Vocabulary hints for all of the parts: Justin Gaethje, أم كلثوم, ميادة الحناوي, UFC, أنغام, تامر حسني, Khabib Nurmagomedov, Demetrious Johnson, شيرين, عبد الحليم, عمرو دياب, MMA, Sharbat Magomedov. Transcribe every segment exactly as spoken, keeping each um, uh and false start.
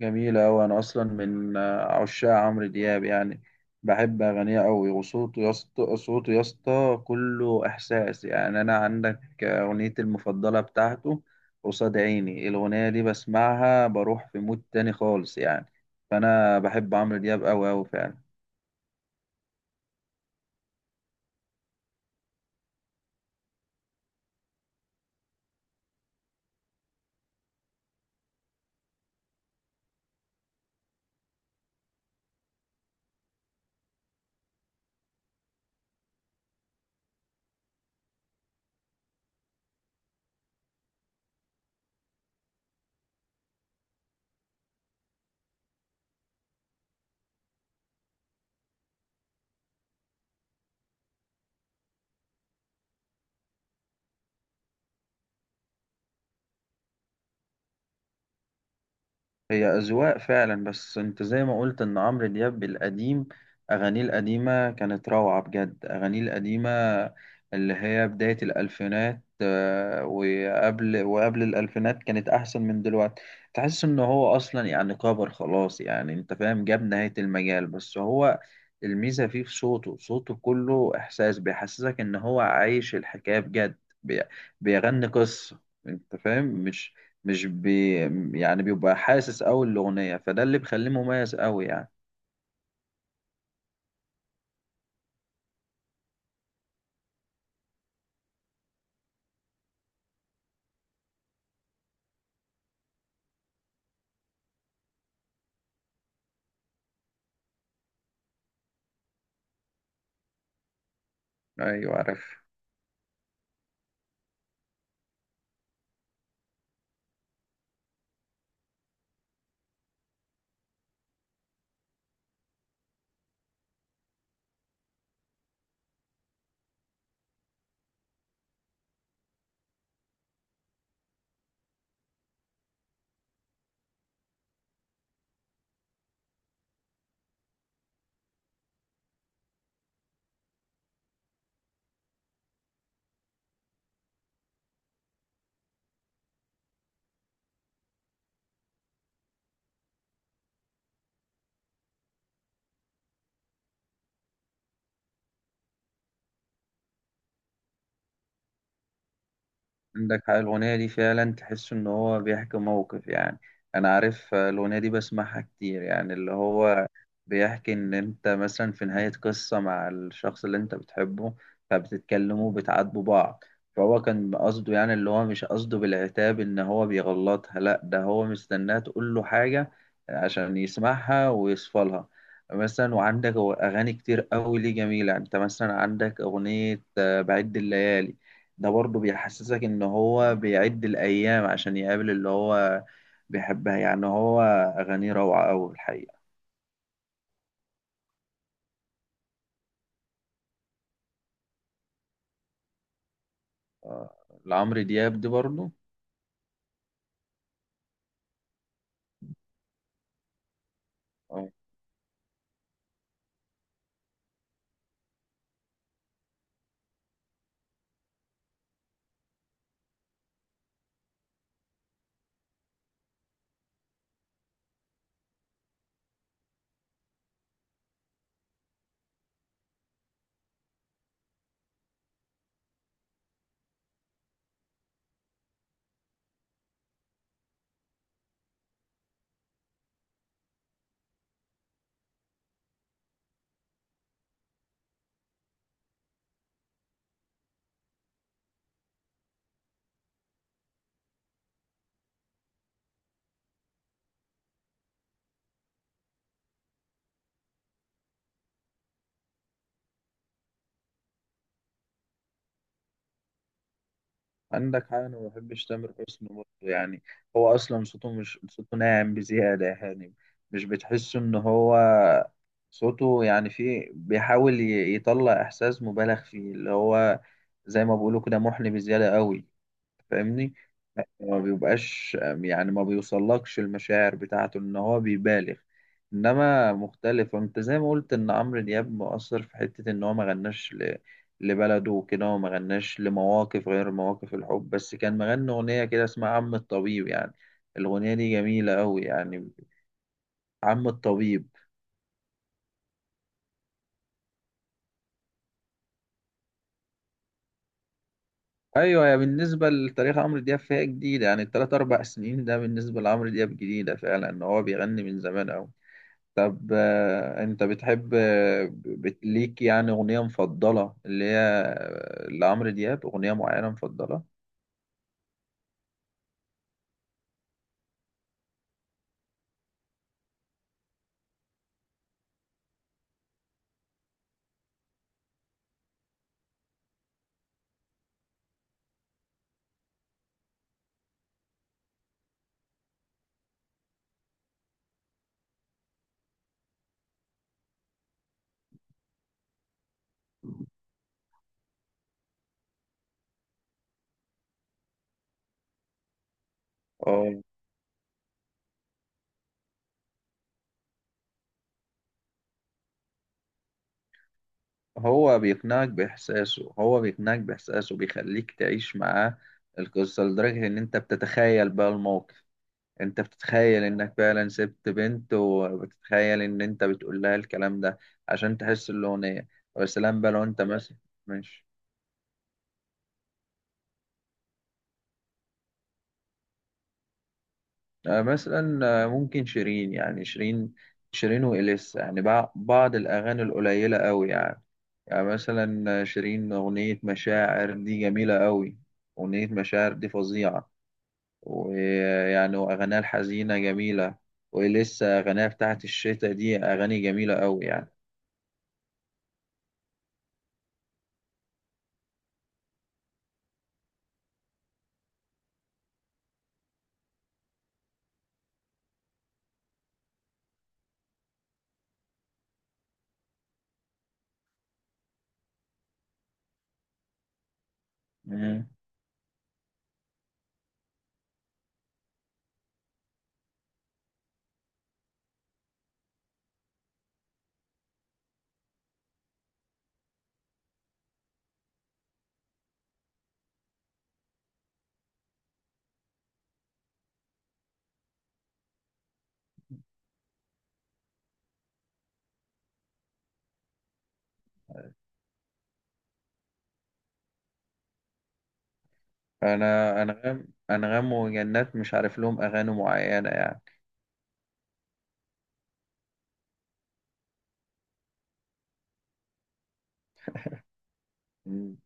جميلة أوي. أنا أصلا من آه، عشاق عمرو دياب يعني. بحب أغانيه أوي، وصوته يا اسطى، صوته يا اسطى كله إحساس يعني. أنا عندك آه، أغنيتي المفضلة بتاعته قصاد عيني. الأغنية دي بسمعها بروح في مود تاني خالص يعني، فأنا بحب عمرو دياب أوي أوي فعلا. هي أذواق فعلا، بس أنت زي ما قلت إن عمرو دياب القديم، أغانيه القديمة كانت روعة بجد. أغانيه القديمة اللي هي بداية الألفينات آه، وقبل وقبل الألفينات كانت أحسن من دلوقتي. تحس إن هو أصلا يعني كبر خلاص، يعني أنت فاهم، جاب نهاية المجال. بس هو الميزة فيه في صوته، صوته كله إحساس، بيحسسك إن هو عايش الحكاية بجد. بي- بيغني قصة، أنت فاهم؟ مش مش بي يعني بيبقى حاسس قوي الاغنيه، فده اللي بيخليه مميز قوي يعني. ايوه عارف. عندك حق، الأغنية دي فعلا تحس إن هو بيحكي موقف يعني. أنا عارف، آه، الأغنية دي بسمعها كتير، يعني اللي هو بيحكي إن أنت مثلا في نهاية قصة مع الشخص اللي أنت بتحبه، فبتتكلموا، بتعاتبوا بعض. فهو كان قصده يعني، اللي هو مش قصده بالعتاب إن هو بيغلطها، لأ ده هو مستناها تقول له حاجة عشان يسمعها ويصفى لها مثلا. وعندك أغاني كتير أوي ليه جميلة يعني. أنت مثلا عندك أغنية آه، بعد الليالي، ده برضه بيحسسك ان هو بيعد الايام عشان يقابل اللي هو بيحبها يعني. هو اغانيه روعه أوي الحقيقه. آه، لعمرو دياب دي برضه. آه، عندك حاجه، انا ما بحبش تامر حسني برضه يعني. هو اصلا صوته، مش صوته ناعم بزياده يعني. مش بتحس ان هو صوته يعني فيه، بيحاول ي- يطلع احساس مبالغ فيه، اللي هو زي ما بيقولوا كده، محن بزياده قوي. فاهمني؟ ما بيبقاش يعني، ما بيوصلكش المشاعر بتاعته، ان هو بيبالغ. انما مختلف، انت زي ما قلت ان عمرو دياب مؤثر في حتة ان هو ما غناش ل... لبلده وكده، وما غناش لمواقف غير مواقف الحب بس. كان مغني اغنية كده اسمها عم الطبيب يعني، الاغنية دي جميلة قوي يعني. عم الطبيب. ايوه، يا بالنسبة لتاريخ عمرو دياب فهي جديدة يعني. التلات اربع سنين ده بالنسبة لعمرو دياب جديدة فعلا، ان هو بيغني من زمان قوي. طب آه، انت بتحب آه، بت- ليك يعني اغنية مفضلة، اللي هي آه، لعمرو دياب اغنية معينة مفضلة؟ اه، هو بيقنعك باحساسه، هو بيقنعك باحساسه، بيخليك تعيش معاه القصة، لدرجة ان انت بتتخيل بقى الموقف. انت بتتخيل انك فعلا سبت بنت، وبتتخيل ان انت بتقول لها الكلام ده عشان تحس الاغنية. ويا سلام بقى لو انت مثلا. ماشي. آه، مثلا آه، ممكن شيرين يعني. شيرين، شيرين وإليسا يعني، بع- بعض الأغاني القليلة أوي يعني. يعني مثلا آه، شيرين أغنية مشاعر دي جميلة قوي، أغنية مشاعر دي فظيعة. ويعني وأغانيها الحزينة جميلة. ولسه أغانيها بتاعت الشتا دي أغاني جميلة قوي يعني. مم. أنا أنغام، أنغام وجنات مش عارف لهم أغاني معينة يعني.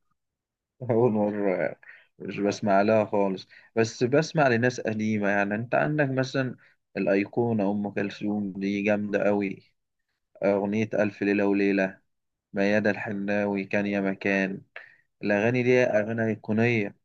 أول مرة يعني، مش بسمع لها خالص. بس بسمع لناس قديمة. يعني أنت عندك مثلا الأيقونة أم كلثوم دي جامدة أوي، أغنية ألف ليلة وليلة، ميادة الحناوي كان يا مكان. الأغاني دي أغاني أيقونية.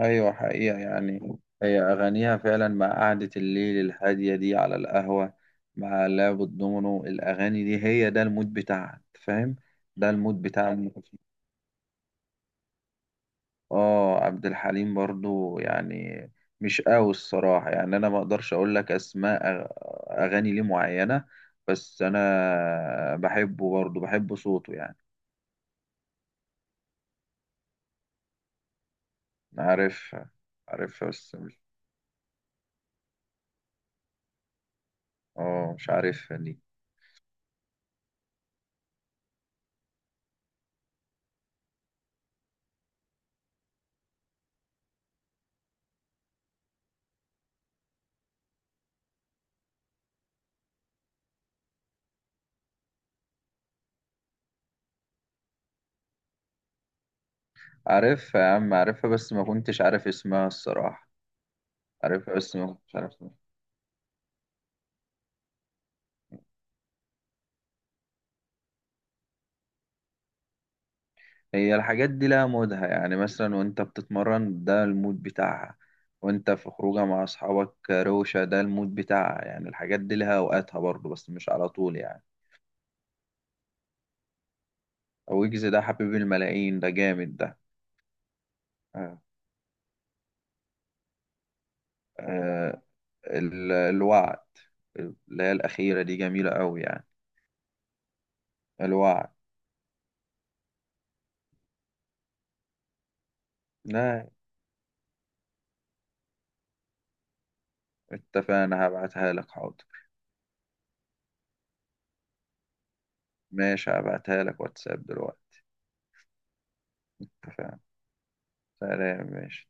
أيوة حقيقة. يعني هي أغانيها فعلا مع قعدة الليل الهادية دي على القهوة، مع لعب الدومينو، الأغاني دي هي ده المود بتاعها. أنت فاهم؟ ده المود بتاع أم كلثوم. اه، عبد الحليم برضو يعني مش قوي الصراحة. يعني انا ما اقدرش اقول لك اسماء أغ- اغاني ليه معينة، بس انا بحبه برضو، بحب صوته يعني. عارفها. عارفها بس مش. اه مش عارفها دي. عارفها يا عم، عارفها بس ما كنتش عارف اسمها الصراحة. عارفها بس ما كنتش عارف اسمها. هي الحاجات دي لها مودها. يعني مثلا وانت بتتمرن ده المود بتاعها، وانت في خروجه مع اصحابك روشة ده المود بتاعها. يعني الحاجات دي لها اوقاتها برضه، بس مش على طول يعني. ويجز ده حبيب الملايين، ده جامد ده. آه. آه. ال- الوعد، اللي هي الأخيرة دي جميلة أوي يعني. الوعد. لا اتفقنا، هبعتها لك حاضر. ماشي، هبعتها لك واتساب دلوقتي. اتفقنا. سلام ماشي.